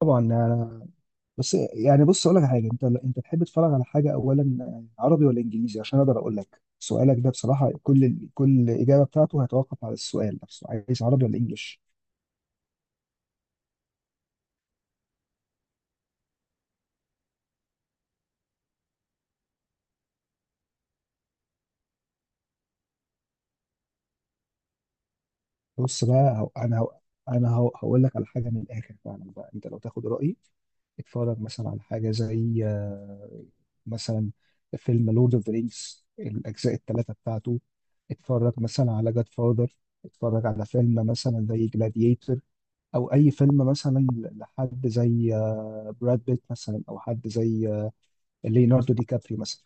طبعا، انا، بس يعني، بص اقول لك على حاجه، انت تحب تتفرج على حاجه اولا عربي ولا انجليزي، عشان اقدر اقول لك. سؤالك ده بصراحه كل اجابه بتاعته هيتوقف على السؤال نفسه. عايز عربي ولا انجليش؟ بص بقى، هو انا هو انا هو هقول لك على حاجه من الاخر فعلا بقى. انت لو تاخد رايي، اتفرج مثلا على حاجه زي، مثلا، فيلم لورد اوف ذا رينجز، الاجزاء الثلاثه بتاعته. اتفرج مثلا على جاد فاذر. اتفرج على فيلم مثلا زي جلاديتور، او اي فيلم مثلا لحد زي براد بيت مثلا، او حد زي ليوناردو دي كابريو مثلا.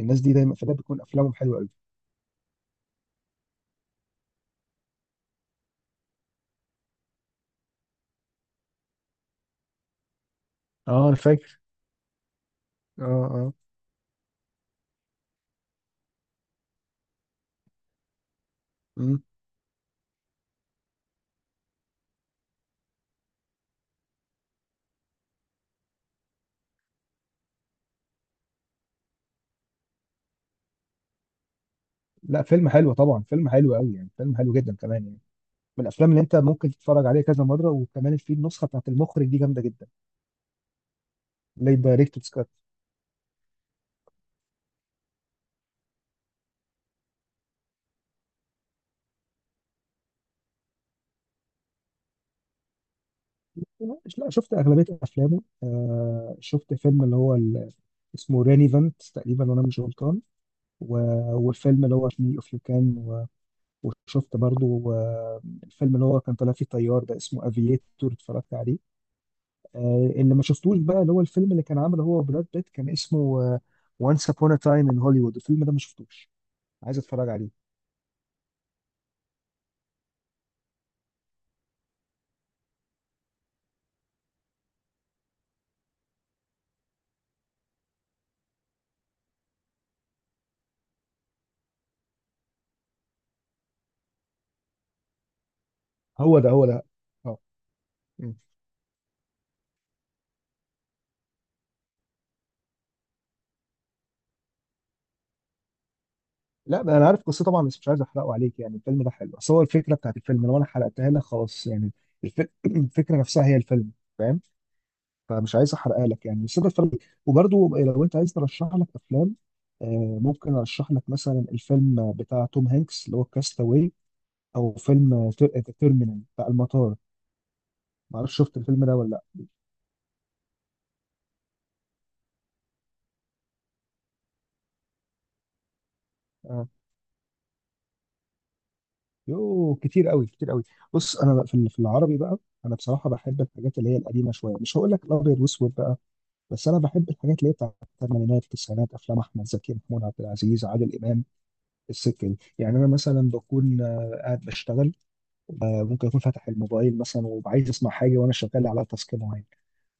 الناس دي دايما في الأغلب بتكون افلامهم حلوه قوي. اه، انا فاكر. اه. اه. مم. لا، فيلم حلو طبعا، فيلم حلو قوي يعني، فيلم حلو جدا كمان يعني. من الافلام اللي انت ممكن تتفرج عليها كذا مره، وكمان في النسخه بتاعت المخرج دي جامده جدا، اللي دايركتور سكات. لا، شفت اغلبيه افلامه. آه، شفت فيلم اللي هو اسمه رينيفنت تقريبا، وانا مش غلطان. والفيلم اللي هو فيه اوف يو كان. وشفت برضو الفيلم اللي هو كان طالع فيه طيار، ده اسمه افييتور، اتفرجت عليه. اللي ما شفتوش بقى، اللي هو الفيلم اللي كان عامله هو براد بيت، كان اسمه وانس ابون تايم ان هوليوود. الفيلم ده ما شفتوش، عايز اتفرج عليه. هو ده، هو ده. اه. مم. لا بقى، انا عارف قصته طبعا، بس مش عايز احرقه عليك يعني. الفيلم ده حلو، بس هو الفكره بتاعت الفيلم لو انا حرقتها لك خلاص يعني. الفكره نفسها هي الفيلم، فاهم؟ فمش عايز احرقها لك يعني، بس انت اتفرج. وبرده، لو انت عايز ترشح لك افلام، ممكن ارشح لك مثلا الفيلم بتاع توم هانكس اللي هو كاستاوي، او فيلم تيرمينال بتاع المطار. ما اعرفش شفت الفيلم ده ولا لا. آه. يوه، كتير قوي، كتير قوي. بص، انا بقى في العربي بقى. انا بصراحه بحب الحاجات اللي هي القديمه شويه، مش هقول لك الابيض واسود بقى، بس انا بحب الحاجات اللي هي بتاعت الثمانينات، التسعينات، افلام احمد زكي، محمود عبد العزيز، عادل امام، السكه دي يعني. انا مثلا بكون قاعد بشتغل، ممكن اكون فاتح الموبايل مثلا، وعايز اسمع حاجه وانا شغال على تاسك معين.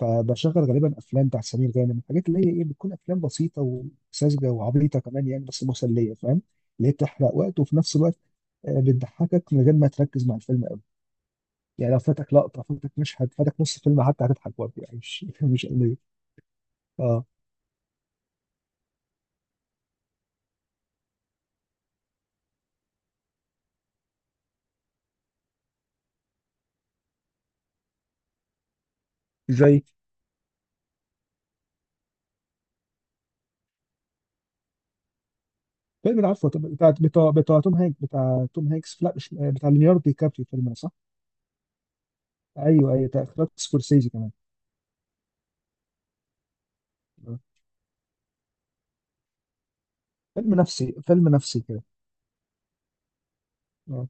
فبشغل غالبا افلام بتاع سمير غانم، الحاجات اللي هي ايه، بتكون افلام بسيطه وساذجه وعبيطه كمان يعني، بس مسليه، فاهم؟ اللي هي بتحرق وقت، وفي نفس الوقت بتضحكك من غير ما تركز مع الفيلم قوي يعني. لو فاتك لقطه، فاتك مشهد، فاتك نص الفيلم حتى، هتضحك برضه يعني. مش مش قليل. اه، زي فيلم العفو، بتاع توم هانكس، لا مش بتاع ليوناردو دي كابريو، فيلم ده صح؟ ايوه، ايوه، بتاع اخراج سكورسيزي كمان. فيلم نفسي، فيلم نفسي كده. اه،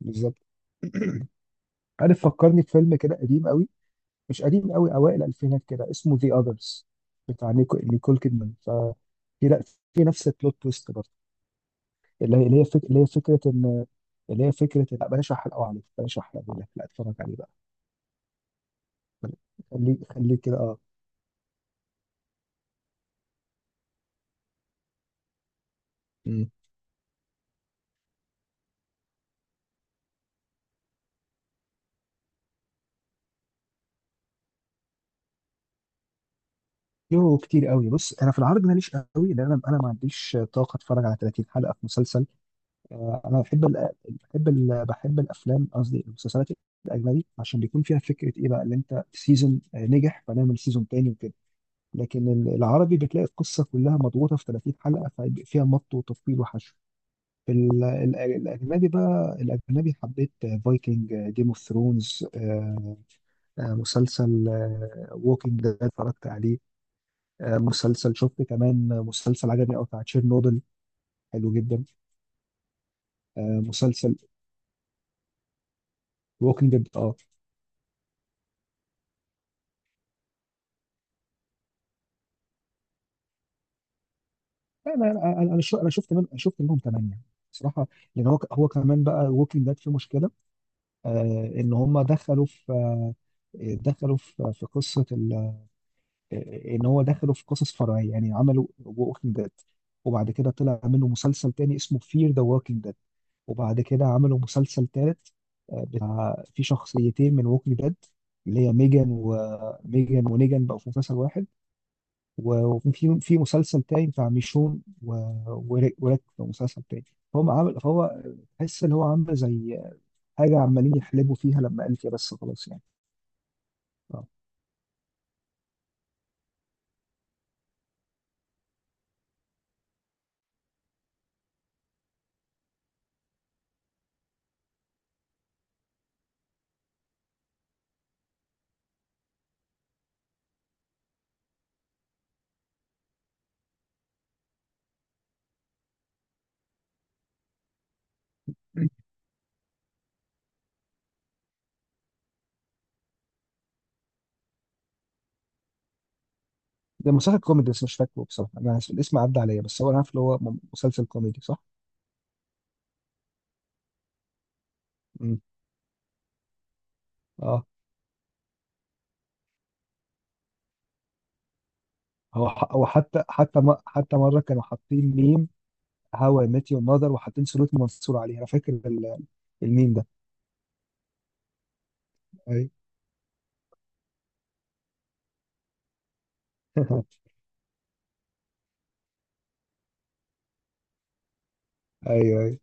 بالظبط. عارف، فكرني بفيلم كده قديم قوي. مش قديم قوي، اوائل الالفينات كده، اسمه ذا اذرز بتاع نيكول كيدمان. ف في لا، في نفس البلوت تويست برضه. اللي هي اللي هي فك... اللي هي فكره ان اللي هي فكره إن- لا، بلاش احرق لك. لا، اتفرج عليه بقى. خليه، خليه كده، اه. مم. يوه، كتير قوي. بص انا في العرض ماليش قوي، لان انا ما عنديش طاقه اتفرج على 30 حلقه في مسلسل. انا بحب الافلام، قصدي المسلسلات، الاجنبي، عشان بيكون فيها فكره ايه بقى، اللي انت سيزون نجح فنعمل سيزون تاني وكده. لكن العربي بتلاقي القصه كلها مضغوطه في 30 حلقه، فيبقى فيها مط وتطويل وحشو. في الاجنبي بقى، الاجنبي حبيت فايكنج، جيم اوف ثرونز، مسلسل ووكينج ده اتفرجت عليه. مسلسل، شفت كمان مسلسل عجبني قوي بتاع تشيرنوبل، حلو جدا. مسلسل ووكينج ديد، اه. لا، انا انا انا شو- أنا شفت من شفت منهم 8 بصراحه. لان هو كمان بقى، ووكينج ديد في مشكله. ان هم دخلوا في دخلوا في في قصه ال- ان هو دخلوا في قصص فرعيه يعني، عملوا ووكينج ديد، وبعد كده طلع منه مسلسل تاني اسمه فير ذا ووكينج ديد، وبعد كده عملوا مسلسل تالت. بتاع، في شخصيتين من ووكينج ديد، اللي هي ميجان ونيجان، بقوا في مسلسل واحد. وفي مسلسل تاني بتاع ميشون، و- وريك وريك في مسلسل تاني. فهم عامل فهو تحس ان هو عامل زي حاجه، عمالين يحلبوا فيها، لما قال كده بس خلاص يعني. اه. ده مسلسل كوميدي، بس مش فاكره بصراحه، انا اسف الاسم عدى عليا، بس هو انا عارف اللي هو مسلسل كوميدي صح؟ امم. اه، هو حتى مره كانوا حاطين ميم هاو اي ميت يور ماذر، وحاطين سلوت منصور عليه. انا فاكر الميم ده. ايوه ايوه، أيوة.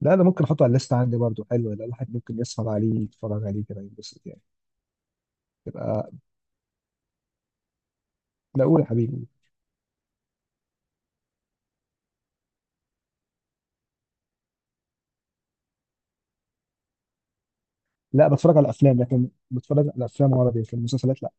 لا، ده ممكن احطه على الليست عندي برضه، حلو ده، الواحد ممكن يسهر عليه، يتفرج عليه كده، ينبسط يعني. تبقى. لا، قول يا حبيبي. لا، بتفرج على افلام، لكن بتفرج على افلام عربي، لكن المسلسلات لا.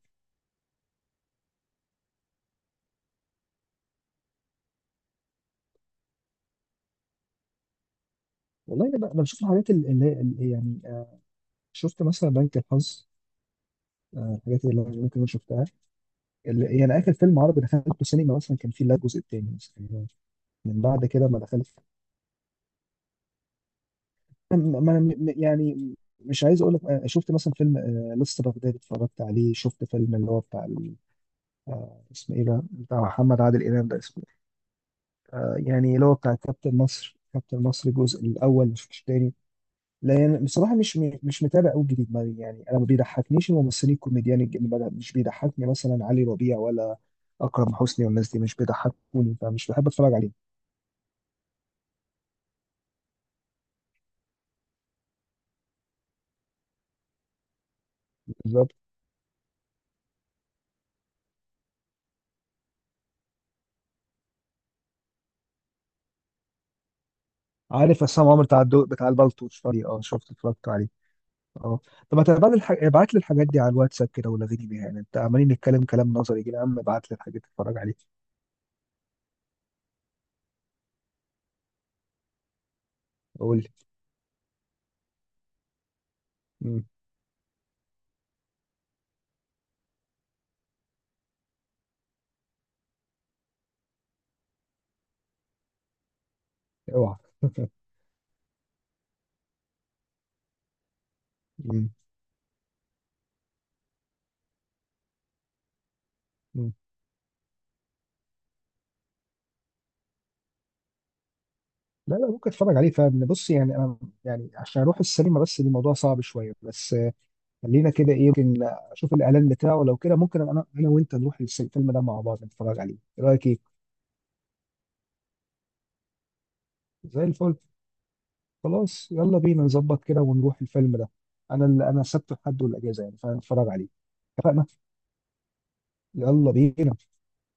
والله، انا أنا بشوف الحاجات اللي يعني شفت مثلا بنك الحظ. الحاجات اللي ممكن اكون شفتها، اللي يعني اخر فيلم عربي دخلته سينما مثلا، كان فيه لا الجزء الثاني مثلا. من بعد كده ما دخلت. يعني مش عايز اقول لك، شفت مثلا فيلم، لسه بغداد اتفرجت عليه، شفت فيلم اللي هو بتاع، اسمه ايه ده بتاع محمد عادل امام، ده اسمه، يعني اللي هو بتاع كابتن مصر، كابتن مصر الجزء الاول مش الثاني. لان بصراحه مش متابع قوي جديد. يعني انا ما بيضحكنيش الممثلين الكوميديان اللي مش بيضحكني، مثلا علي ربيع ولا اكرم حسني، والناس دي مش بيضحكوني، فمش بحب اتفرج عليهم. بالظبط. عارف عصام عمر بتاع البلطو، شفت- اه شفت اتفرجت عليه، اه. طب، ما تبعت الح... ابعت لي الحاجات دي على الواتساب كده، ولغيني بيها يعني، انت عمالين نتكلم كلام نظري كده يا عم، ابعت لي الحاجات تتفرج عليها. قول لي. مم. اوعى. مم. مم. لا لا، ممكن اتفرج عليه، فاهم؟ بص يعني انا، يعني عشان اروح السينما بس الموضوع صعب شويه، بس، خلينا كده، ايه، ممكن اشوف الاعلان بتاعه، لو كده ممكن انا وانت نروح الفيلم ده مع بعض، نتفرج عليه، ايه رايك، ايه. زي الفل. خلاص، يلا بينا، نظبط كده ونروح الفيلم ده. انا انا سبت حد والاجازه يعني، فنتفرج عليه. اتفقنا. يلا بينا.